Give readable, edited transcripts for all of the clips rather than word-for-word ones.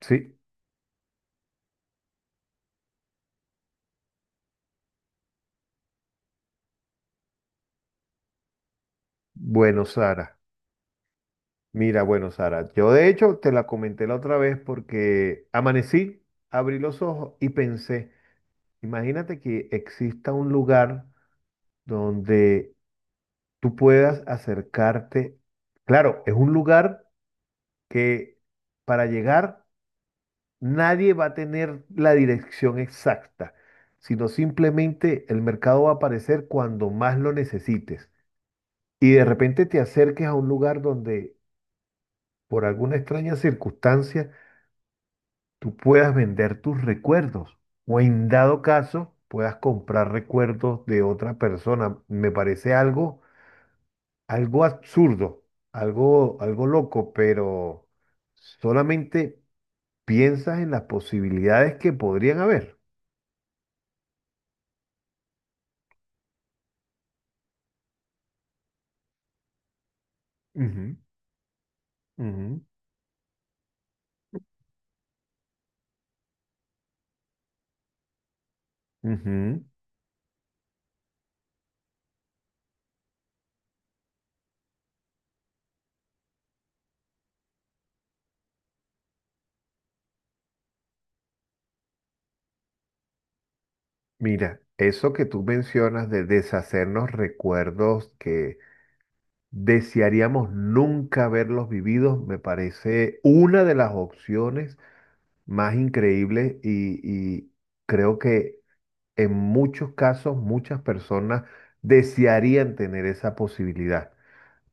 Sí, bueno, Sara. Mira, bueno, Sara. Yo de hecho te la comenté la otra vez porque amanecí, abrí los ojos y pensé, imagínate que exista un lugar donde tú puedas acercarte. Claro, es un lugar que para llegar nadie va a tener la dirección exacta, sino simplemente el mercado va a aparecer cuando más lo necesites. Y de repente te acerques a un lugar donde por alguna extraña circunstancia, tú puedas vender tus recuerdos o en dado caso puedas comprar recuerdos de otra persona. Me parece algo absurdo, algo loco, pero solamente piensas en las posibilidades que podrían haber. Ujú, ujú. Ujú. Mira, eso que tú mencionas de deshacernos recuerdos que desearíamos nunca haberlos vivido, me parece una de las opciones más increíbles y creo que en muchos casos muchas personas desearían tener esa posibilidad.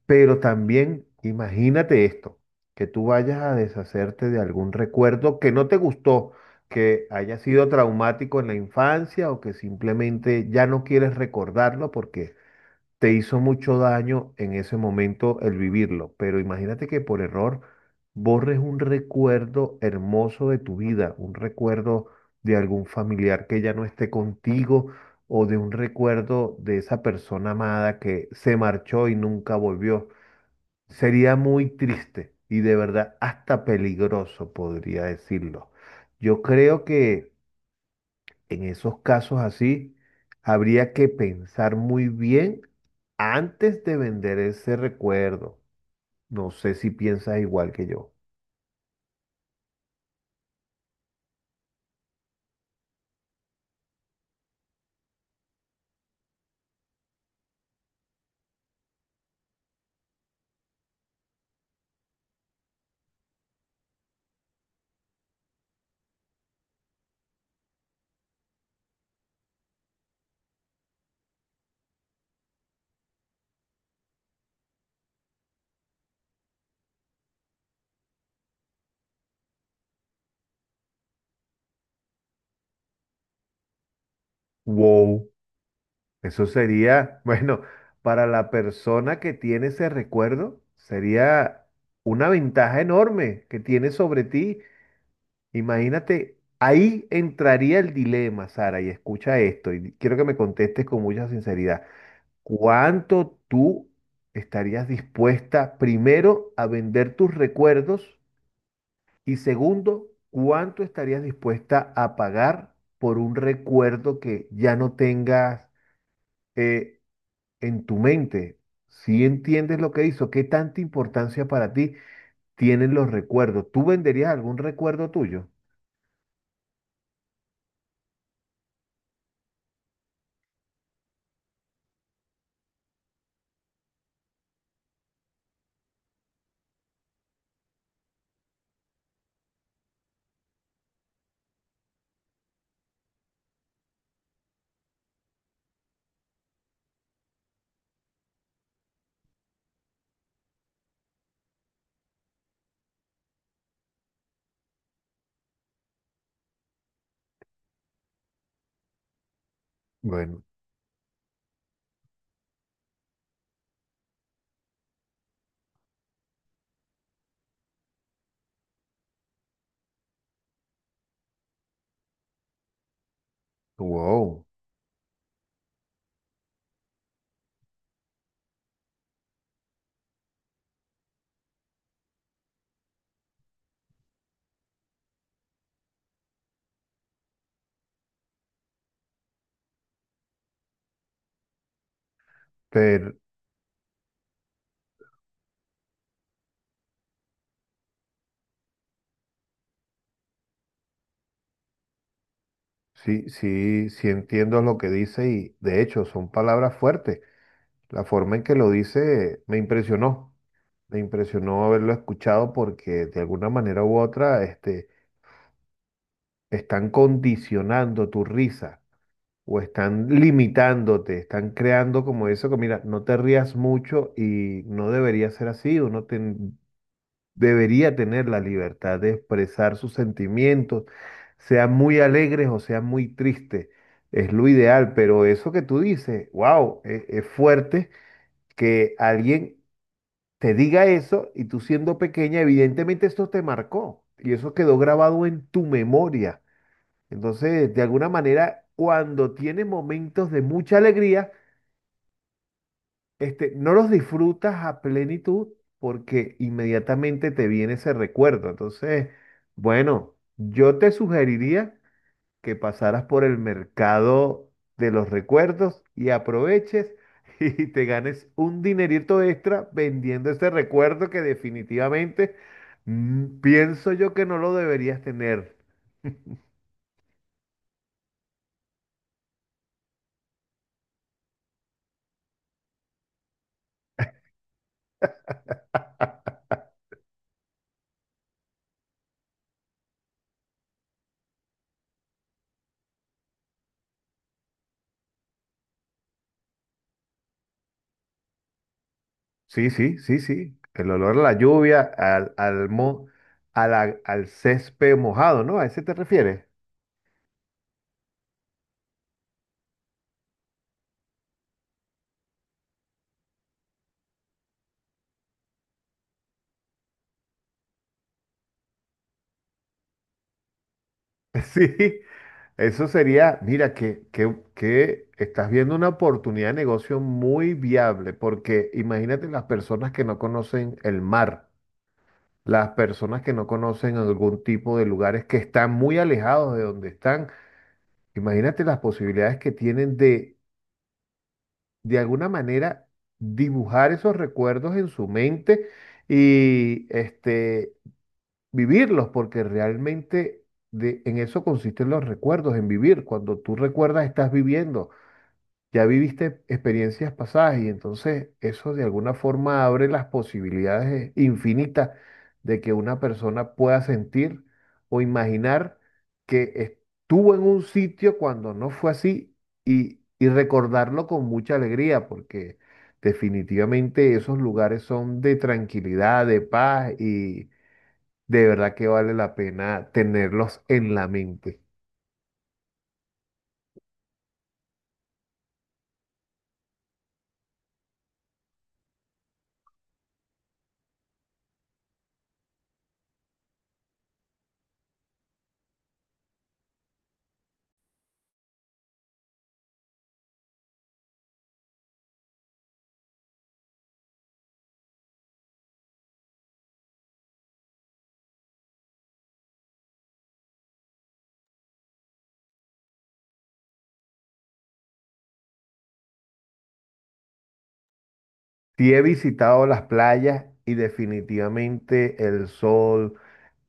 Pero también imagínate esto, que tú vayas a deshacerte de algún recuerdo que no te gustó, que haya sido traumático en la infancia o que simplemente ya no quieres recordarlo porque te hizo mucho daño en ese momento el vivirlo, pero imagínate que por error borres un recuerdo hermoso de tu vida, un recuerdo de algún familiar que ya no esté contigo o de un recuerdo de esa persona amada que se marchó y nunca volvió. Sería muy triste y de verdad hasta peligroso, podría decirlo. Yo creo que... En esos casos así, habría que pensar muy bien antes de vender ese recuerdo. No sé si piensas igual que yo. Wow, eso sería, bueno, para la persona que tiene ese recuerdo, sería una ventaja enorme que tiene sobre ti. Imagínate, ahí entraría el dilema, Sara, y escucha esto, y quiero que me contestes con mucha sinceridad. ¿Cuánto tú estarías dispuesta, primero, a vender tus recuerdos? Y segundo, ¿cuánto estarías dispuesta a pagar por un recuerdo que ya no tengas eh, en tu mente? Si entiendes lo que hizo, ¿qué tanta importancia para ti tienen los recuerdos? ¿Tú venderías algún recuerdo tuyo? Bueno, wow, pero sí, sí, sí entiendo lo que dice y de hecho son palabras fuertes. La forma en que lo dice me impresionó haberlo escuchado porque de alguna manera u otra están condicionando tu risa o están limitándote, están creando como eso que mira, no te rías mucho y no debería ser así, debería tener la libertad de expresar sus sentimientos, sean muy alegres o sean muy tristes, es lo ideal, pero eso que tú dices, wow, es fuerte que alguien te diga eso y tú siendo pequeña, evidentemente esto te marcó y eso quedó grabado en tu memoria. Entonces, de alguna manera, cuando tienes momentos de mucha alegría, no los disfrutas a plenitud porque inmediatamente te viene ese recuerdo. Entonces, bueno, yo te sugeriría que pasaras por el mercado de los recuerdos y aproveches y te ganes un dinerito extra vendiendo ese recuerdo que definitivamente, pienso yo que no lo deberías tener. Sí, sí, sí, sí. El olor a la lluvia, al césped mojado, ¿no? ¿A ese te refieres? Sí, eso sería, mira, que estás viendo una oportunidad de negocio muy viable, porque imagínate las personas que no conocen el mar, las personas que no conocen algún tipo de lugares que están muy alejados de donde están. Imagínate las posibilidades que tienen de alguna manera, dibujar esos recuerdos en su mente y vivirlos, porque realmente en eso consisten los recuerdos, en vivir. Cuando tú recuerdas, estás viviendo. Ya viviste experiencias pasadas y entonces eso de alguna forma abre las posibilidades infinitas de que una persona pueda sentir o imaginar que estuvo en un sitio cuando no fue así y recordarlo con mucha alegría porque definitivamente esos lugares son de tranquilidad, de paz y de verdad que vale la pena tenerlos en la mente. Sí he visitado las playas y definitivamente el sol,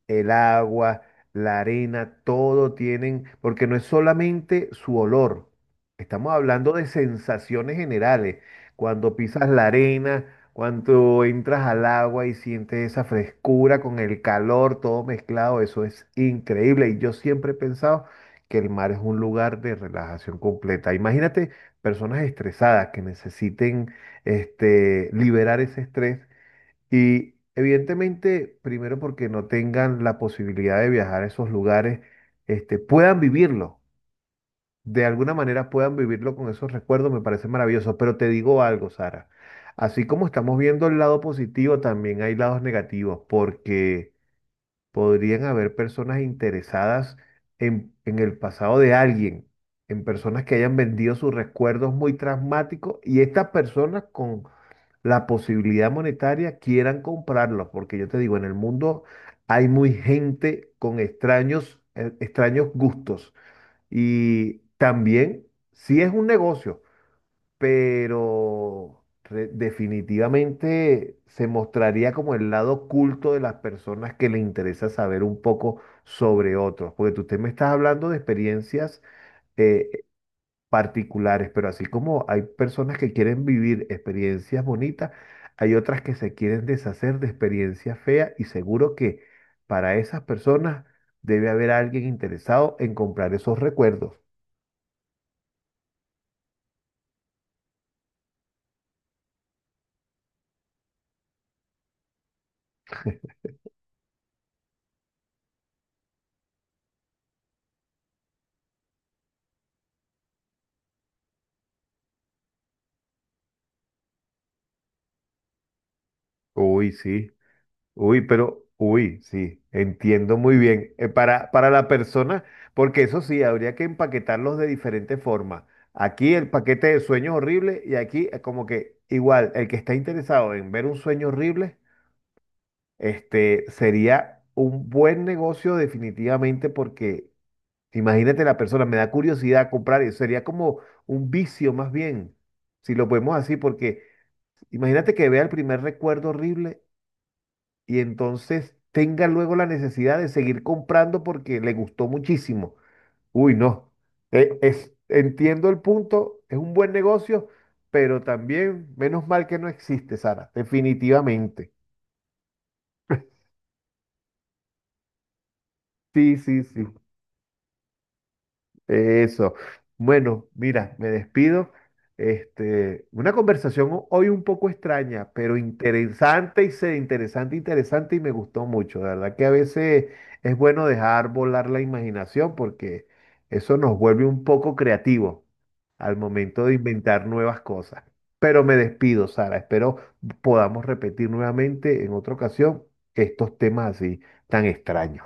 el agua, la arena, todo tienen, porque no es solamente su olor, estamos hablando de sensaciones generales. Cuando pisas la arena, cuando entras al agua y sientes esa frescura con el calor, todo mezclado, eso es increíble. Y yo siempre he pensado que el mar es un lugar de relajación completa. Imagínate personas estresadas que necesiten liberar ese estrés y evidentemente, primero porque no tengan la posibilidad de viajar a esos lugares, puedan vivirlo, de alguna manera puedan vivirlo con esos recuerdos, me parece maravilloso. Pero te digo algo, Sara, así como estamos viendo el lado positivo, también hay lados negativos, porque podrían haber personas interesadas en el pasado de alguien, en personas que hayan vendido sus recuerdos muy traumáticos y estas personas con la posibilidad monetaria quieran comprarlos, porque yo te digo, en el mundo hay muy gente con extraños gustos y también sí es un negocio, pero definitivamente se mostraría como el lado oculto de las personas que le interesa saber un poco sobre otros, porque usted me estás hablando de experiencias. eh, Particulares, pero así como hay personas que quieren vivir experiencias bonitas, hay otras que se quieren deshacer de experiencias feas y seguro que para esas personas debe haber alguien interesado en comprar esos recuerdos. Uy, sí, uy, pero, uy, sí, entiendo muy bien. Para, la persona, porque eso sí, habría que empaquetarlos de diferentes formas. Aquí el paquete de sueños horribles y aquí como que igual, el que está interesado en ver un sueño horrible. Este sería un buen negocio definitivamente porque imagínate la persona, me da curiosidad comprar eso, sería como un vicio más bien, si lo podemos así, porque imagínate que vea el primer recuerdo horrible y entonces tenga luego la necesidad de seguir comprando porque le gustó muchísimo. Uy, no, entiendo el punto, es un buen negocio, pero también menos mal que no existe, Sara, definitivamente. Sí, sí, sí. Eso. Bueno, mira, me despido. Una conversación hoy un poco extraña, pero interesante y interesante y me gustó mucho. La verdad que a veces es bueno dejar volar la imaginación porque eso nos vuelve un poco creativos al momento de inventar nuevas cosas. Pero me despido, Sara. Espero podamos repetir nuevamente en otra ocasión estos temas así tan extraños.